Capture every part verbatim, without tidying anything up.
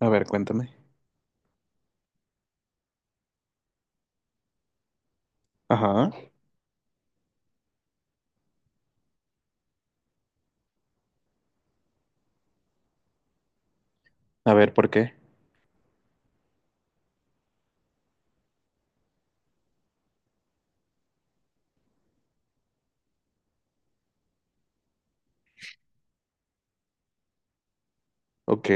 A ver, cuéntame. Ajá. A ver, ¿por qué? Ok.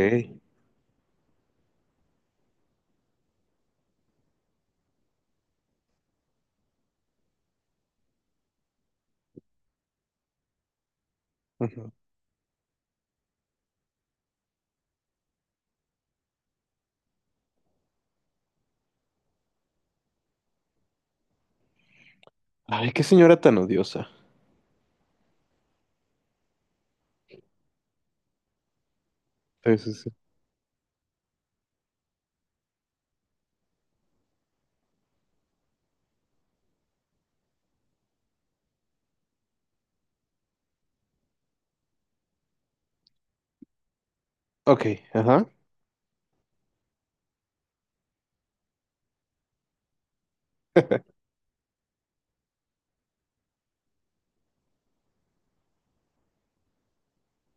Ujú. Ay, qué señora tan odiosa. Sí, sí, sí. Ok, ajá.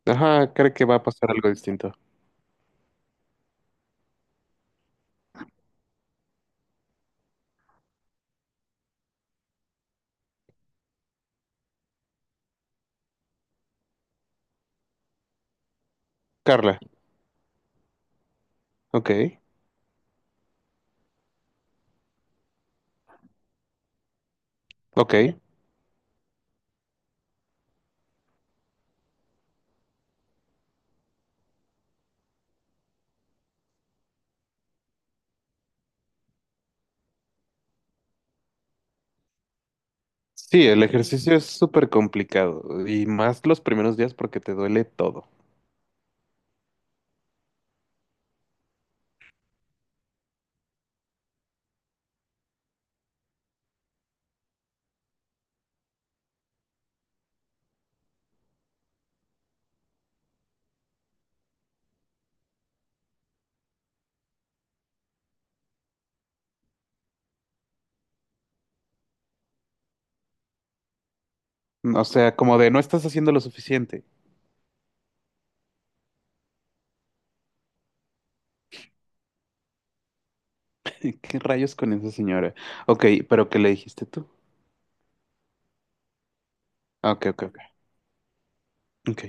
Ajá, creo que va a pasar algo distinto. Carla, ok, ok. Sí, el ejercicio es súper complicado y más los primeros días porque te duele todo. O sea, como de no estás haciendo lo suficiente. ¿Qué rayos con esa señora? Ok, pero ¿qué le dijiste tú? Ah, ok, ok, ok. Ok,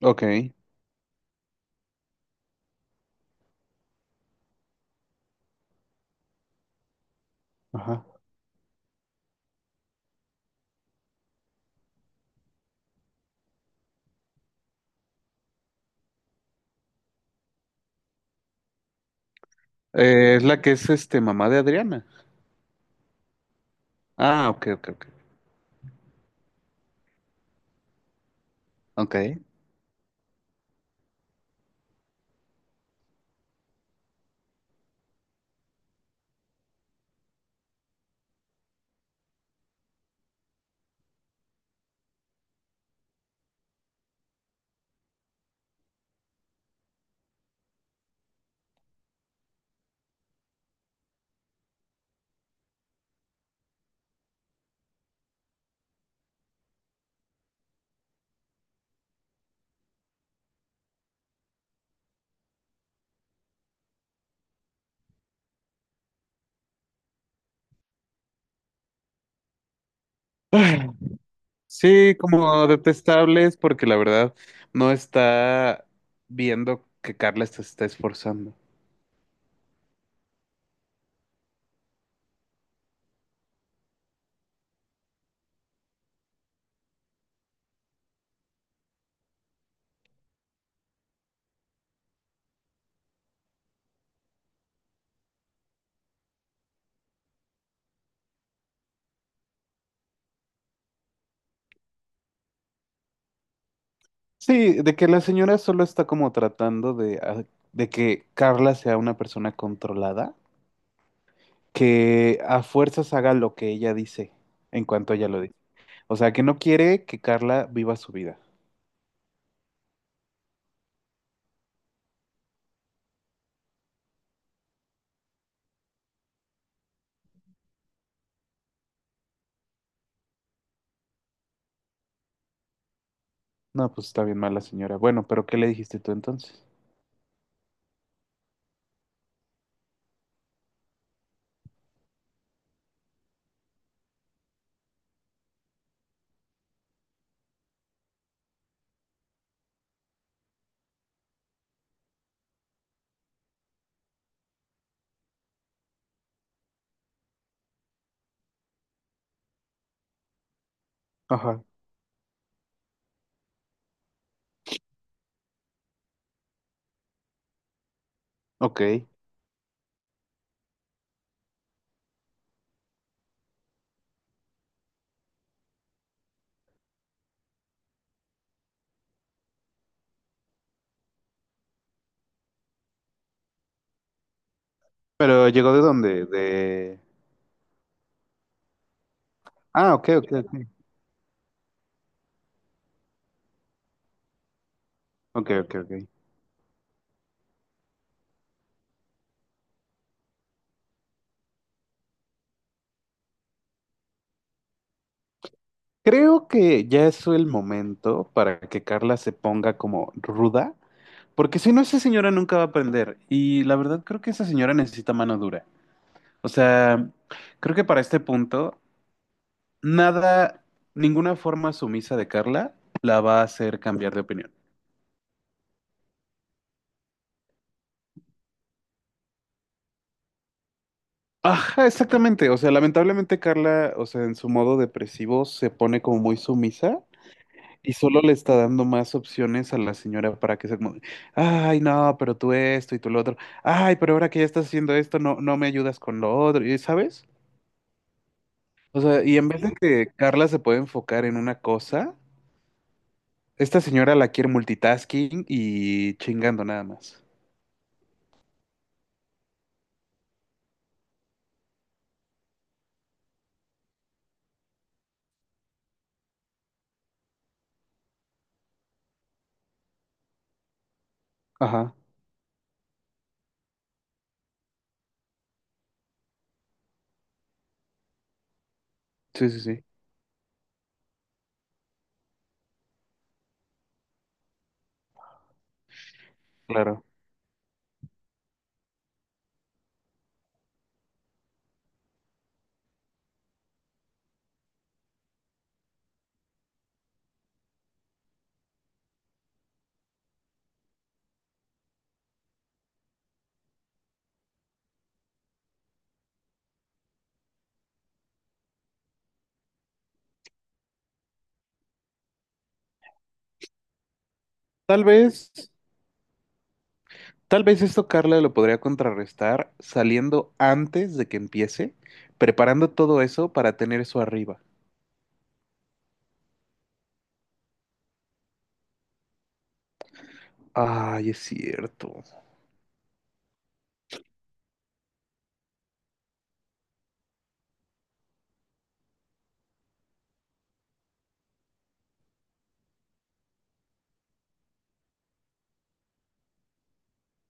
ok, ajá. Eh, es la que es este mamá de Adriana. Ah, ok, ok, ok. Ok. Ay, sí, como detestables porque la verdad no está viendo que Carla se está esforzando. Sí, de que la señora solo está como tratando de, a- de que Carla sea una persona controlada, que a fuerzas haga lo que ella dice en cuanto ella lo dice. O sea, que no quiere que Carla viva su vida. No, pues está bien mala señora. Bueno, pero ¿qué le dijiste tú entonces? Ajá. Ok. ¿Pero llegó de dónde? De... Ah, ok, ok, ok. Ok, ok, ok. Creo que ya es el momento para que Carla se ponga como ruda, porque si no, esa señora nunca va a aprender. Y la verdad creo que esa señora necesita mano dura. O sea, creo que para este punto, nada, ninguna forma sumisa de Carla la va a hacer cambiar de opinión. Ajá, exactamente. O sea, lamentablemente Carla, o sea, en su modo depresivo se pone como muy sumisa. Y solo le está dando más opciones a la señora para que sea como, ay, no, pero tú esto y tú lo otro, ay, pero ahora que ya estás haciendo esto, no, no me ayudas con lo otro, y ¿sabes? O sea, y en vez de que Carla se pueda enfocar en una cosa, esta señora la quiere multitasking y chingando nada más. Ajá, sí, sí, sí, claro. Tal vez, tal vez esto Carla lo podría contrarrestar saliendo antes de que empiece, preparando todo eso para tener eso arriba. Ay, es cierto.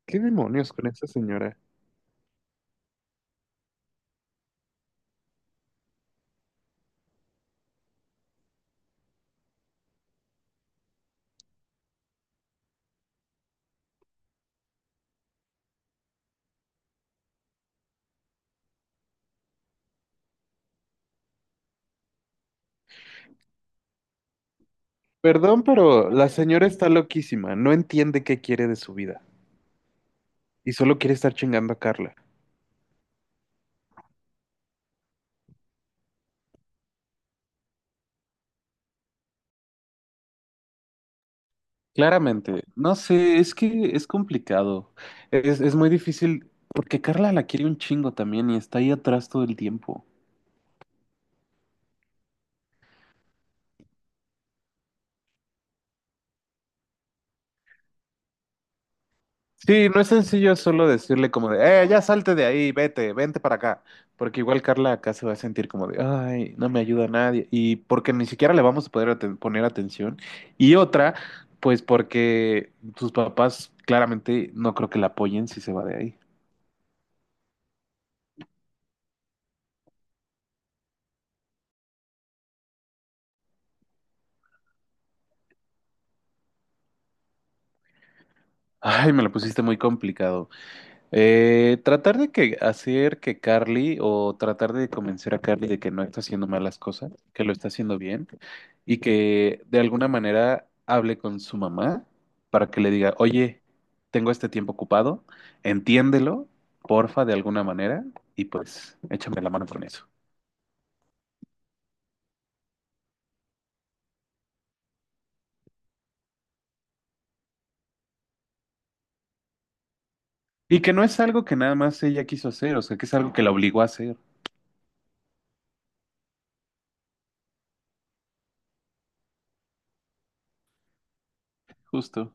¿Qué demonios con esa señora? Perdón, pero la señora está loquísima, no entiende qué quiere de su vida y solo quiere estar chingando a Carla. Claramente, no sé, es que es complicado. Es, es muy difícil porque Carla la quiere un chingo también y está ahí atrás todo el tiempo. Sí, no es sencillo solo decirle como de, eh, ya salte de ahí, vete, vente para acá, porque igual Carla acá se va a sentir como de, ay, no me ayuda nadie, y porque ni siquiera le vamos a poder aten- poner atención, y otra, pues porque sus papás claramente no creo que la apoyen si se va de ahí. Ay, me lo pusiste muy complicado. Eh, tratar de que hacer que Carly o tratar de convencer a Carly de que no está haciendo malas cosas, que lo está haciendo bien y que de alguna manera hable con su mamá para que le diga, oye, tengo este tiempo ocupado, entiéndelo, porfa, de alguna manera y pues échame la mano con eso. Y que no es algo que nada más ella quiso hacer, o sea, que es algo que la obligó a hacer, justo.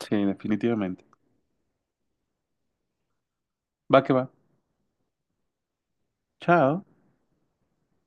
Sí, definitivamente. Va que va. Chao.